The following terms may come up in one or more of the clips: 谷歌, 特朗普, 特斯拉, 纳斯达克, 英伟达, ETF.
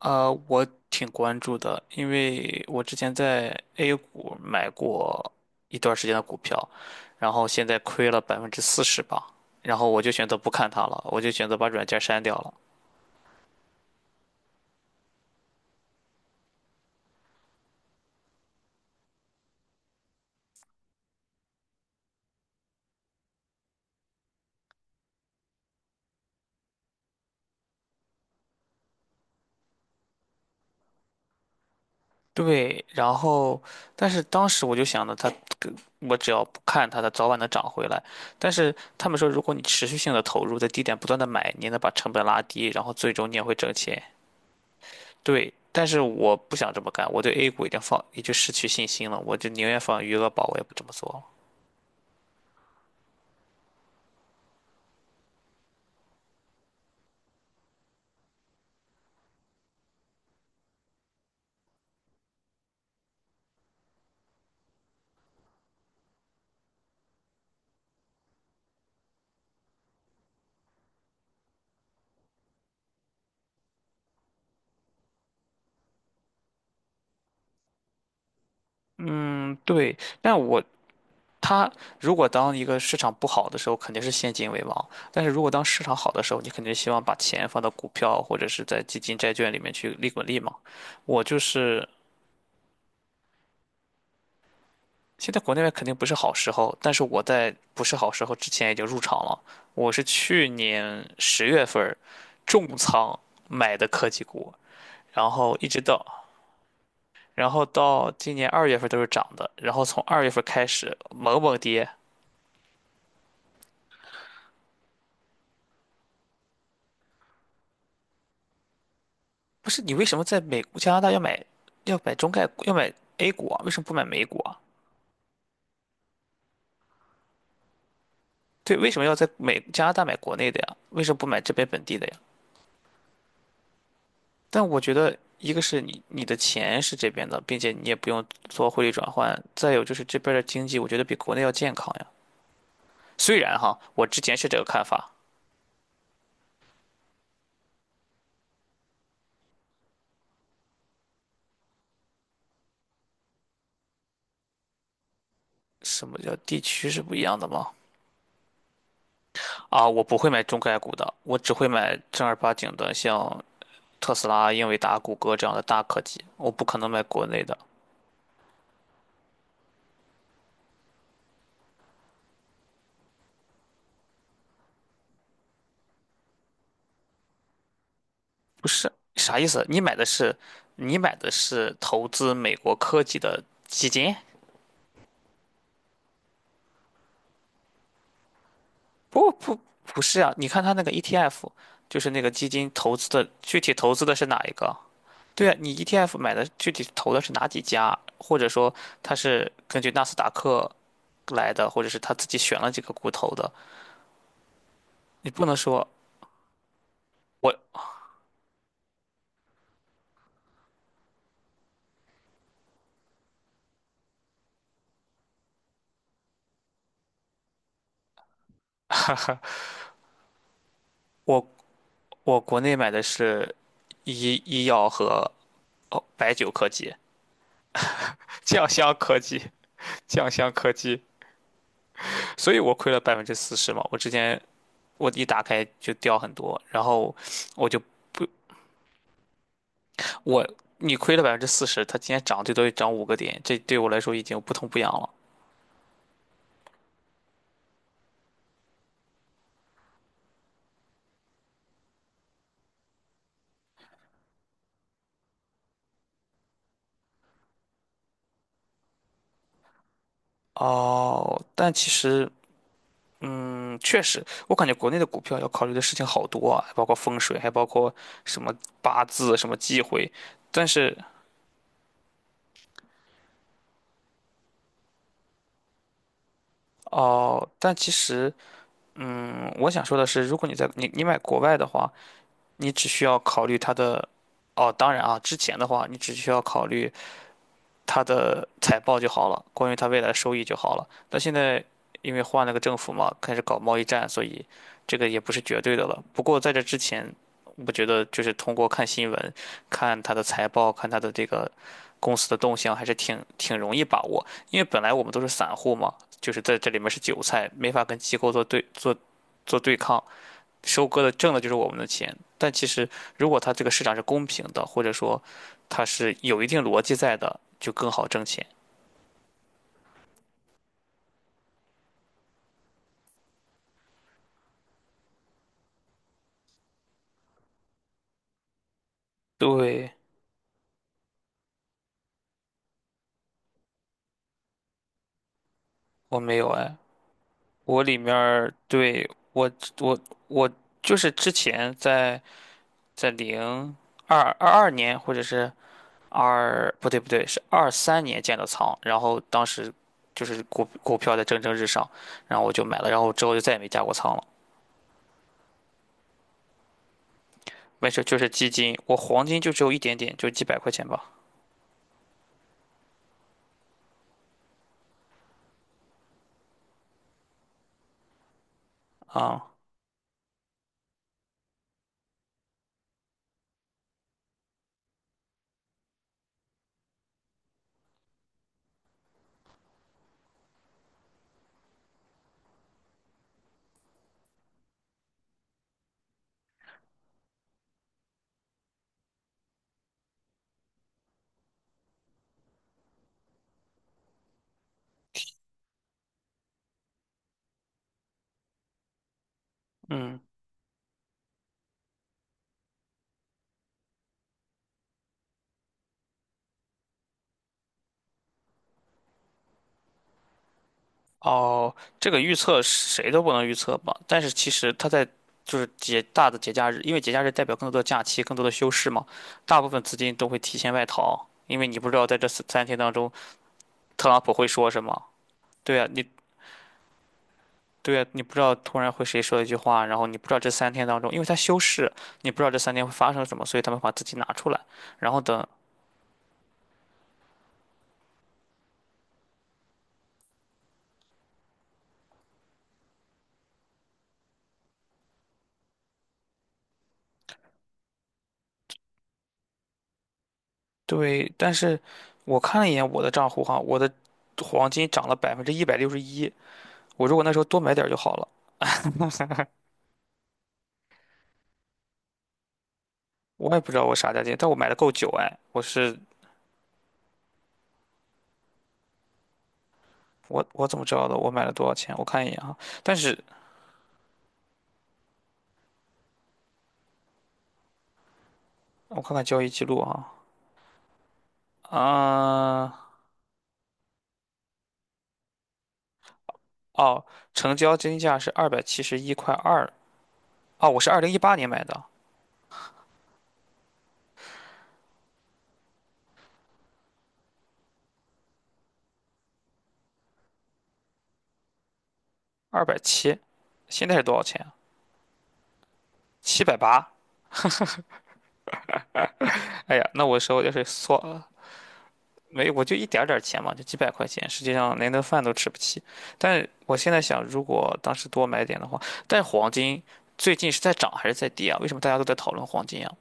我挺关注的，因为我之前在 A 股买过一段时间的股票，然后现在亏了百分之四十吧，然后我就选择不看它了，我就选择把软件删掉了。对，然后，但是当时我就想着它，我只要不看它，它早晚能涨回来。但是他们说，如果你持续性的投入，在低点不断的买，你能把成本拉低，然后最终你也会挣钱。对，但是我不想这么干，我对 A 股已经放，已经失去信心了，我就宁愿放余额宝，我也不这么做了。嗯，对，但我它如果当一个市场不好的时候，肯定是现金为王，但是如果当市场好的时候，你肯定希望把钱放到股票或者是在基金、债券里面去利滚利嘛。我就是现在国内外肯定不是好时候，但是我在不是好时候之前已经入场了，我是去年10月份儿重仓买的科技股。然后一直到，然后到今年二月份都是涨的，然后从二月份开始猛猛跌。不是你为什么在美加拿大要买中概股要买 A 股啊？为什么不买美股啊？对，为什么要在美加拿大买国内的呀？为什么不买这边本地的呀？但我觉得，一个是你的钱是这边的，并且你也不用做汇率转换，再有就是这边的经济，我觉得比国内要健康呀。虽然哈，我之前是这个看法，什么叫地区是不一样的吗？啊，我不会买中概股的，我只会买正儿八经的，像特斯拉、英伟达、谷歌这样的大科技，我不可能买国内的。不是，啥意思？你买的是投资美国科技的基金？不不不是啊，你看它那个 ETF,就是那个基金投资的，具体投资的是哪一个？对啊，你 ETF 买的具体投的是哪几家？或者说它是根据纳斯达克来的，或者是他自己选了几个股投的？你不能说我我国内买的是医药和哦白酒科技、酱香科技、酱香科技，所以我亏了百分之四十嘛。我之前我一打开就掉很多，然后我就不我你亏了百分之四十，它今天涨最多也涨5个点，这对我来说已经不痛不痒了。哦，但其实确实，我感觉国内的股票要考虑的事情好多啊，还包括风水，还包括什么八字、什么忌讳，但是。哦，但其实我想说的是，如果你在你买国外的话，你只需要考虑它的，哦，当然啊，之前的话，你只需要考虑它的财报就好了，关于它未来收益就好了。但现在因为换了个政府嘛，开始搞贸易战，所以这个也不是绝对的了。不过在这之前，我觉得就是通过看新闻、看它的财报、看它的这个公司的动向，还是挺容易把握。因为本来我们都是散户嘛，就是在这里面是韭菜，没法跟机构做对抗。收割的挣的就是我们的钱。但其实，如果它这个市场是公平的，或者说它是有一定逻辑在的，就更好挣钱。对，我没有哎，我里面儿对我我就是之前在零二二二年或者是二不对不对是二三年建的仓，然后当时就是股票在蒸蒸日上，然后我就买了，然后之后就再也没加过仓了。没事，就是基金，我黄金就只有一点点，就几百块钱吧。啊、嗯，哦，这个预测谁都不能预测吧？但是其实它在就是节大的节假日，因为节假日代表更多的假期、更多的休市嘛，大部分资金都会提前外逃，因为你不知道在这三天当中，特朗普会说什么。对啊，你对啊，你不知道突然会谁说一句话，然后你不知道这三天当中，因为他休市，你不知道这三天会发生什么，所以他们把资金拿出来，然后等。对，但是我看了一眼我的账户哈，我的黄金涨了161%，我如果那时候多买点儿就好了。我也不知道我啥价钱，但我买的够久哎。我是我我怎么知道的？我买了多少钱？我看一眼啊。但是我看看交易记录啊。啊、哦，成交金价是271块2。哦，我是2018年买的，二百七，现在是多少钱啊？780。哎呀，那我手要是算了，没，我就一点儿点儿钱嘛，就几百块钱，实际上连顿饭都吃不起。但是我现在想，如果当时多买点的话，但是黄金最近是在涨还是在跌啊？为什么大家都在讨论黄金啊？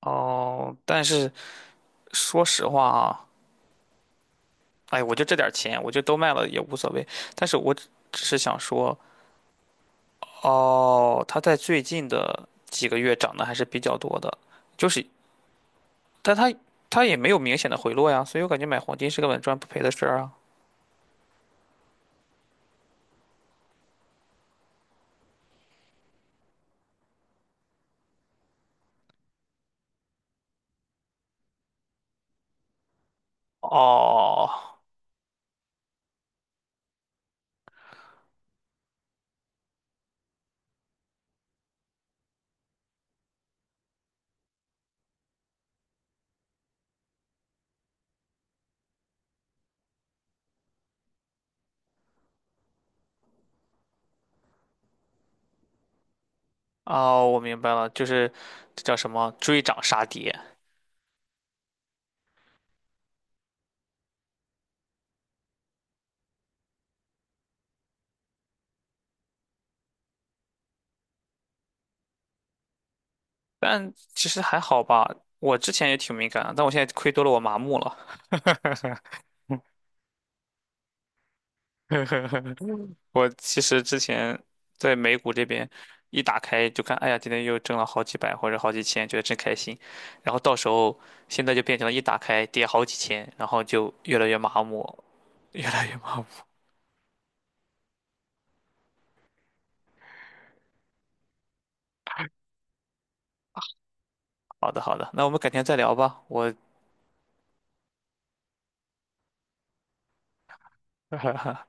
哦，但是说实话啊，哎，我就这点儿钱，我就都卖了也无所谓。但是我只是想说，哦，它在最近的几个月涨得还是比较多的，就是，但它也没有明显的回落呀，所以我感觉买黄金是个稳赚不赔的事儿啊。哦，哦，我明白了，就是这叫什么追涨杀跌，但其实还好吧。我之前也挺敏感的，但我现在亏多了，我麻木了。我其实之前在美股这边一打开就看，哎呀，今天又挣了好几百或者好几千，觉得真开心。然后到时候现在就变成了一打开跌好几千，然后就越来越麻木，越来越麻木。好的，好的，那我们改天再聊吧。我